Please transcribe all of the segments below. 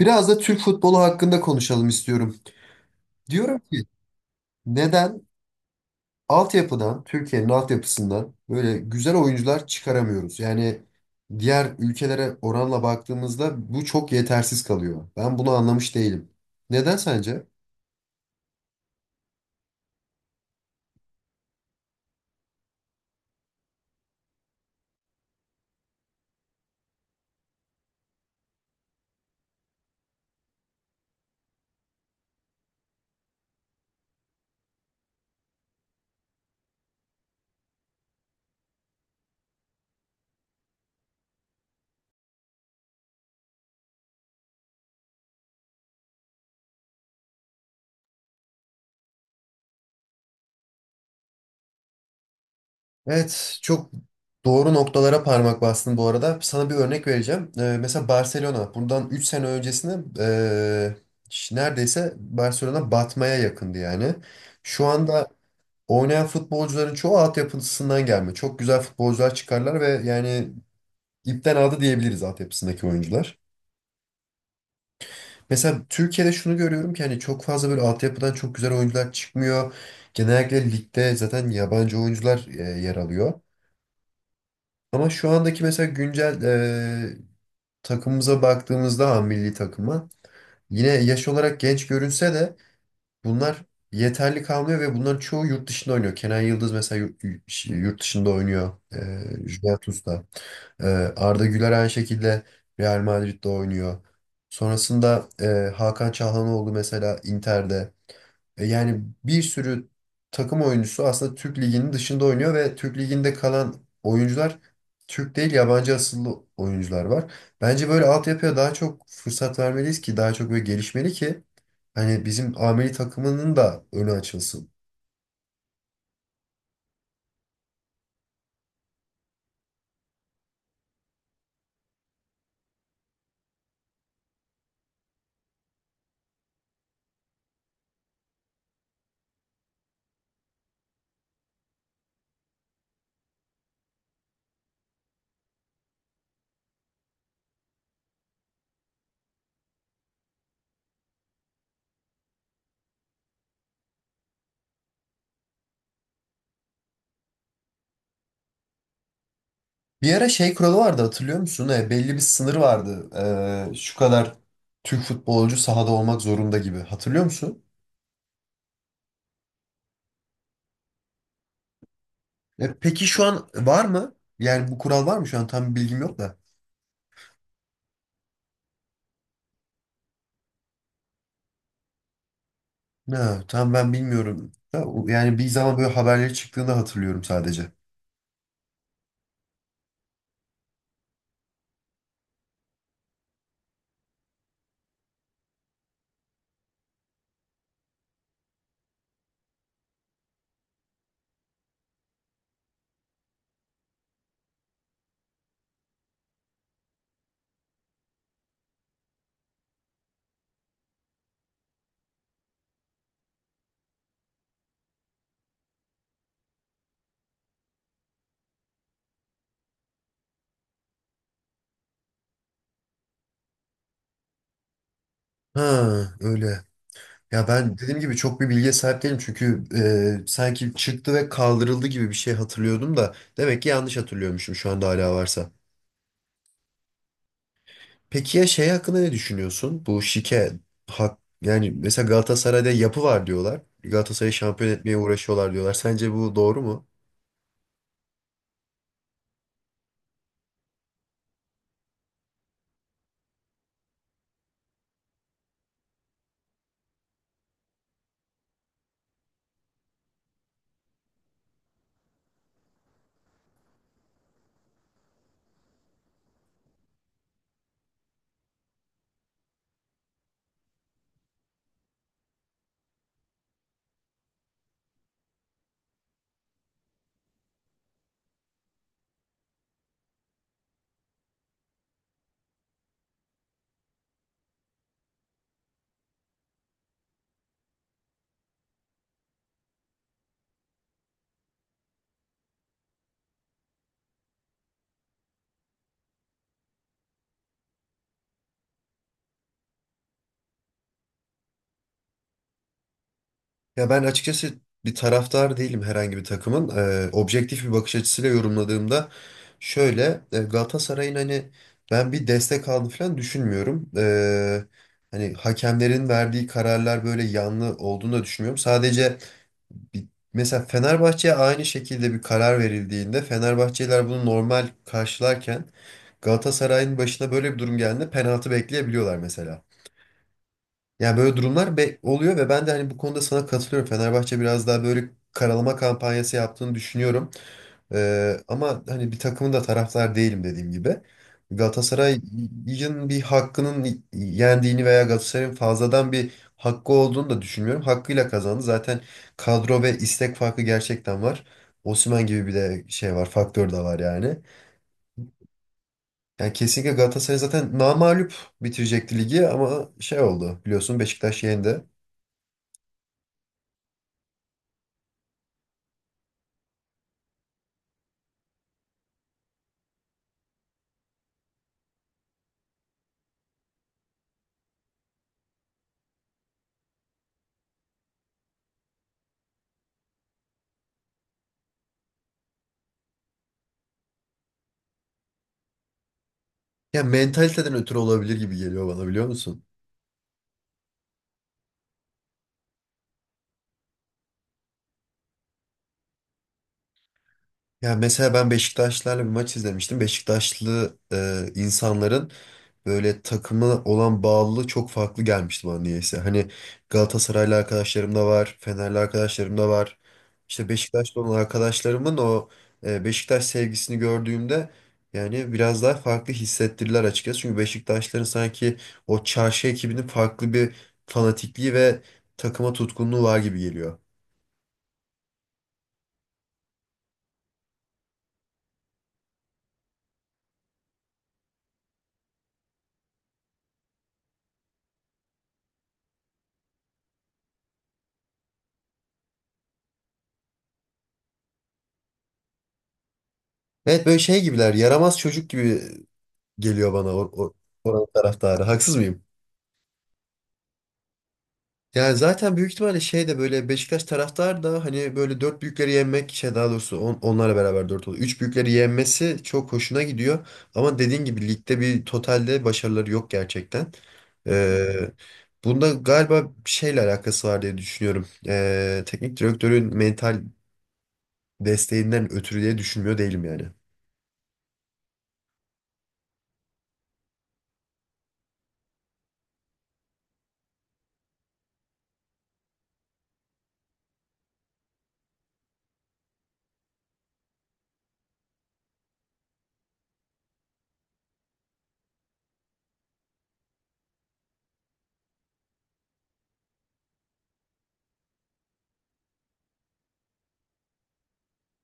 Biraz da Türk futbolu hakkında konuşalım istiyorum. Diyorum ki neden altyapıdan, Türkiye'nin altyapısından böyle güzel oyuncular çıkaramıyoruz? Yani diğer ülkelere oranla baktığımızda bu çok yetersiz kalıyor. Ben bunu anlamış değilim. Neden sence? Evet, çok doğru noktalara parmak bastın bu arada. Sana bir örnek vereceğim. Mesela Barcelona bundan 3 sene öncesinde ee, neredeyse Barcelona batmaya yakındı yani. Şu anda oynayan futbolcuların çoğu altyapısından gelme. Çok güzel futbolcular çıkarlar ve yani ipten aldı diyebiliriz altyapısındaki oyuncular. Mesela Türkiye'de şunu görüyorum ki hani çok fazla böyle altyapıdan çok güzel oyuncular çıkmıyor. Genellikle ligde zaten yabancı oyuncular yer alıyor. Ama şu andaki mesela güncel takımımıza baktığımızda ha, milli takıma yine yaş olarak genç görünse de bunlar yeterli kalmıyor ve bunların çoğu yurt dışında oynuyor. Kenan Yıldız mesela yurt dışında oynuyor. Juventus'ta. Ee, Arda Güler aynı şekilde Real Madrid'de oynuyor. Sonrasında Hakan Çalhanoğlu mesela Inter'de. Yani bir sürü takım oyuncusu aslında Türk Ligi'nin dışında oynuyor ve Türk Ligi'nde kalan oyuncular Türk değil yabancı asıllı oyuncular var. Bence böyle altyapıya daha çok fırsat vermeliyiz ki daha çok böyle gelişmeli ki hani bizim ameli takımının da önü açılsın. Bir ara şey kuralı vardı hatırlıyor musun? Belli bir sınır vardı. Şu kadar Türk futbolcu sahada olmak zorunda gibi. Hatırlıyor musun? Peki şu an var mı? Yani bu kural var mı şu an? Tam bir bilgim yok da. Ha, tam ben bilmiyorum. Ha, yani bir zaman böyle haberleri çıktığını hatırlıyorum sadece. Ha, öyle. Ya ben dediğim gibi çok bir bilgiye sahip değilim çünkü sanki çıktı ve kaldırıldı gibi bir şey hatırlıyordum da demek ki yanlış hatırlıyormuşum şu anda hala varsa. Peki ya şey hakkında ne düşünüyorsun? Bu şike hak yani mesela Galatasaray'da yapı var diyorlar. Galatasaray'ı şampiyon etmeye uğraşıyorlar diyorlar. Sence bu doğru mu? Ya ben açıkçası bir taraftar değilim herhangi bir takımın. Objektif bir bakış açısıyla yorumladığımda şöyle Galatasaray'ın hani ben bir destek aldığını falan düşünmüyorum. Hani hakemlerin verdiği kararlar böyle yanlı olduğunu da düşünmüyorum. Sadece bir- mesela Fenerbahçe'ye aynı şekilde bir karar verildiğinde Fenerbahçeliler bunu normal karşılarken Galatasaray'ın başına böyle bir durum geldiğinde penaltı bekleyebiliyorlar mesela. Yani böyle durumlar oluyor ve ben de hani bu konuda sana katılıyorum. Fenerbahçe biraz daha böyle karalama kampanyası yaptığını düşünüyorum. Ama hani bir takımın da taraftar değilim dediğim gibi. Galatasaray'ın bir hakkının yendiğini veya Galatasaray'ın fazladan bir hakkı olduğunu da düşünmüyorum. Hakkıyla kazandı. Zaten kadro ve istek farkı gerçekten var. Osimhen gibi bir de şey var, faktör de var yani. Yani kesinlikle Galatasaray zaten namağlup bitirecekti ligi ama şey oldu biliyorsun Beşiktaş yendi. Ya mentaliteden ötürü olabilir gibi geliyor bana biliyor musun? Ya mesela ben Beşiktaşlarla bir maç izlemiştim. Beşiktaşlı insanların böyle takımı olan bağlılığı çok farklı gelmişti bana niyeyse. Hani Galatasaraylı arkadaşlarım da var, Fenerli arkadaşlarım da var. İşte Beşiktaşlı olan arkadaşlarımın o Beşiktaş sevgisini gördüğümde yani biraz daha farklı hissettirdiler açıkçası. Çünkü Beşiktaşların sanki o çarşı ekibinin farklı bir fanatikliği ve takıma tutkunluğu var gibi geliyor. Evet, böyle şey gibiler, yaramaz çocuk gibi geliyor bana oranın taraftarı. Haksız mıyım? Yani zaten büyük ihtimalle şey de böyle Beşiktaş taraftar da hani böyle dört büyükleri yenmek şey daha doğrusu onlarla beraber dört oluyor. Üç büyükleri yenmesi çok hoşuna gidiyor. Ama dediğin gibi ligde bir totalde başarıları yok gerçekten. Ee, Bunda galiba bir şeyle alakası var diye düşünüyorum. Teknik direktörün mental desteğinden ötürü diye düşünmüyor değilim yani.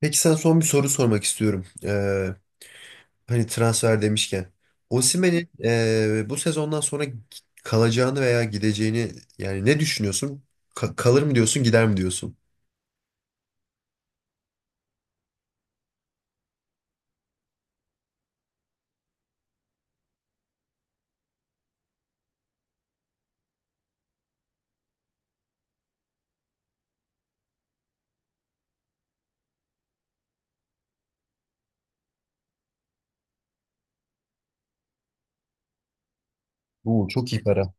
Peki sana son bir soru sormak istiyorum. Hani transfer demişken. Osimhen'in bu sezondan sonra kalacağını veya gideceğini yani ne düşünüyorsun? Kalır mı diyorsun, gider mi diyorsun? Oo, çok iyi para.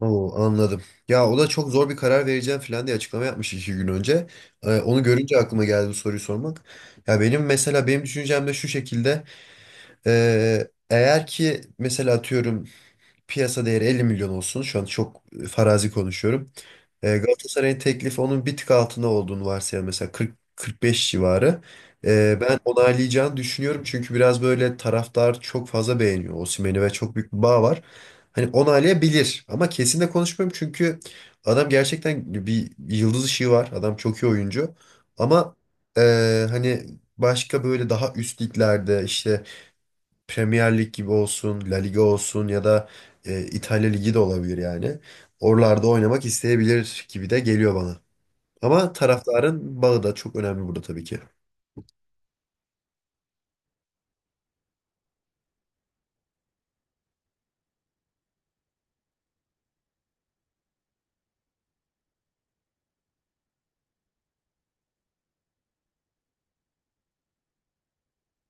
Oo, anladım. Ya o da çok zor bir karar vereceğim falan diye açıklama yapmış iki gün önce. Onu görünce aklıma geldi bu soruyu sormak. Ya benim mesela benim düşüncem de şu şekilde. Eğer ki mesela atıyorum piyasa değeri 50 milyon olsun. Şu an çok farazi konuşuyorum. Galatasaray'ın teklifi onun bir tık altında olduğunu varsayalım. Mesela 40-45 civarı. Ben onaylayacağını düşünüyorum. Çünkü biraz böyle taraftar çok fazla beğeniyor Osimhen'i ve çok büyük bir bağ var. Hani onaylayabilir ama kesin de konuşmuyorum. Çünkü adam gerçekten bir yıldız ışığı var. Adam çok iyi oyuncu. Ama e, hani başka böyle daha üst liglerde işte Premier Lig gibi olsun, La Liga olsun ya da İtalya Ligi de olabilir yani. Oralarda oynamak isteyebilir gibi de geliyor bana. Ama taraftarın bağı da çok önemli burada tabii ki.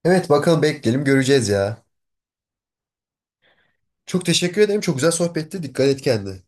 Evet, bakalım bekleyelim göreceğiz ya. Çok teşekkür ederim. Çok güzel sohbetti. Dikkat et kendine.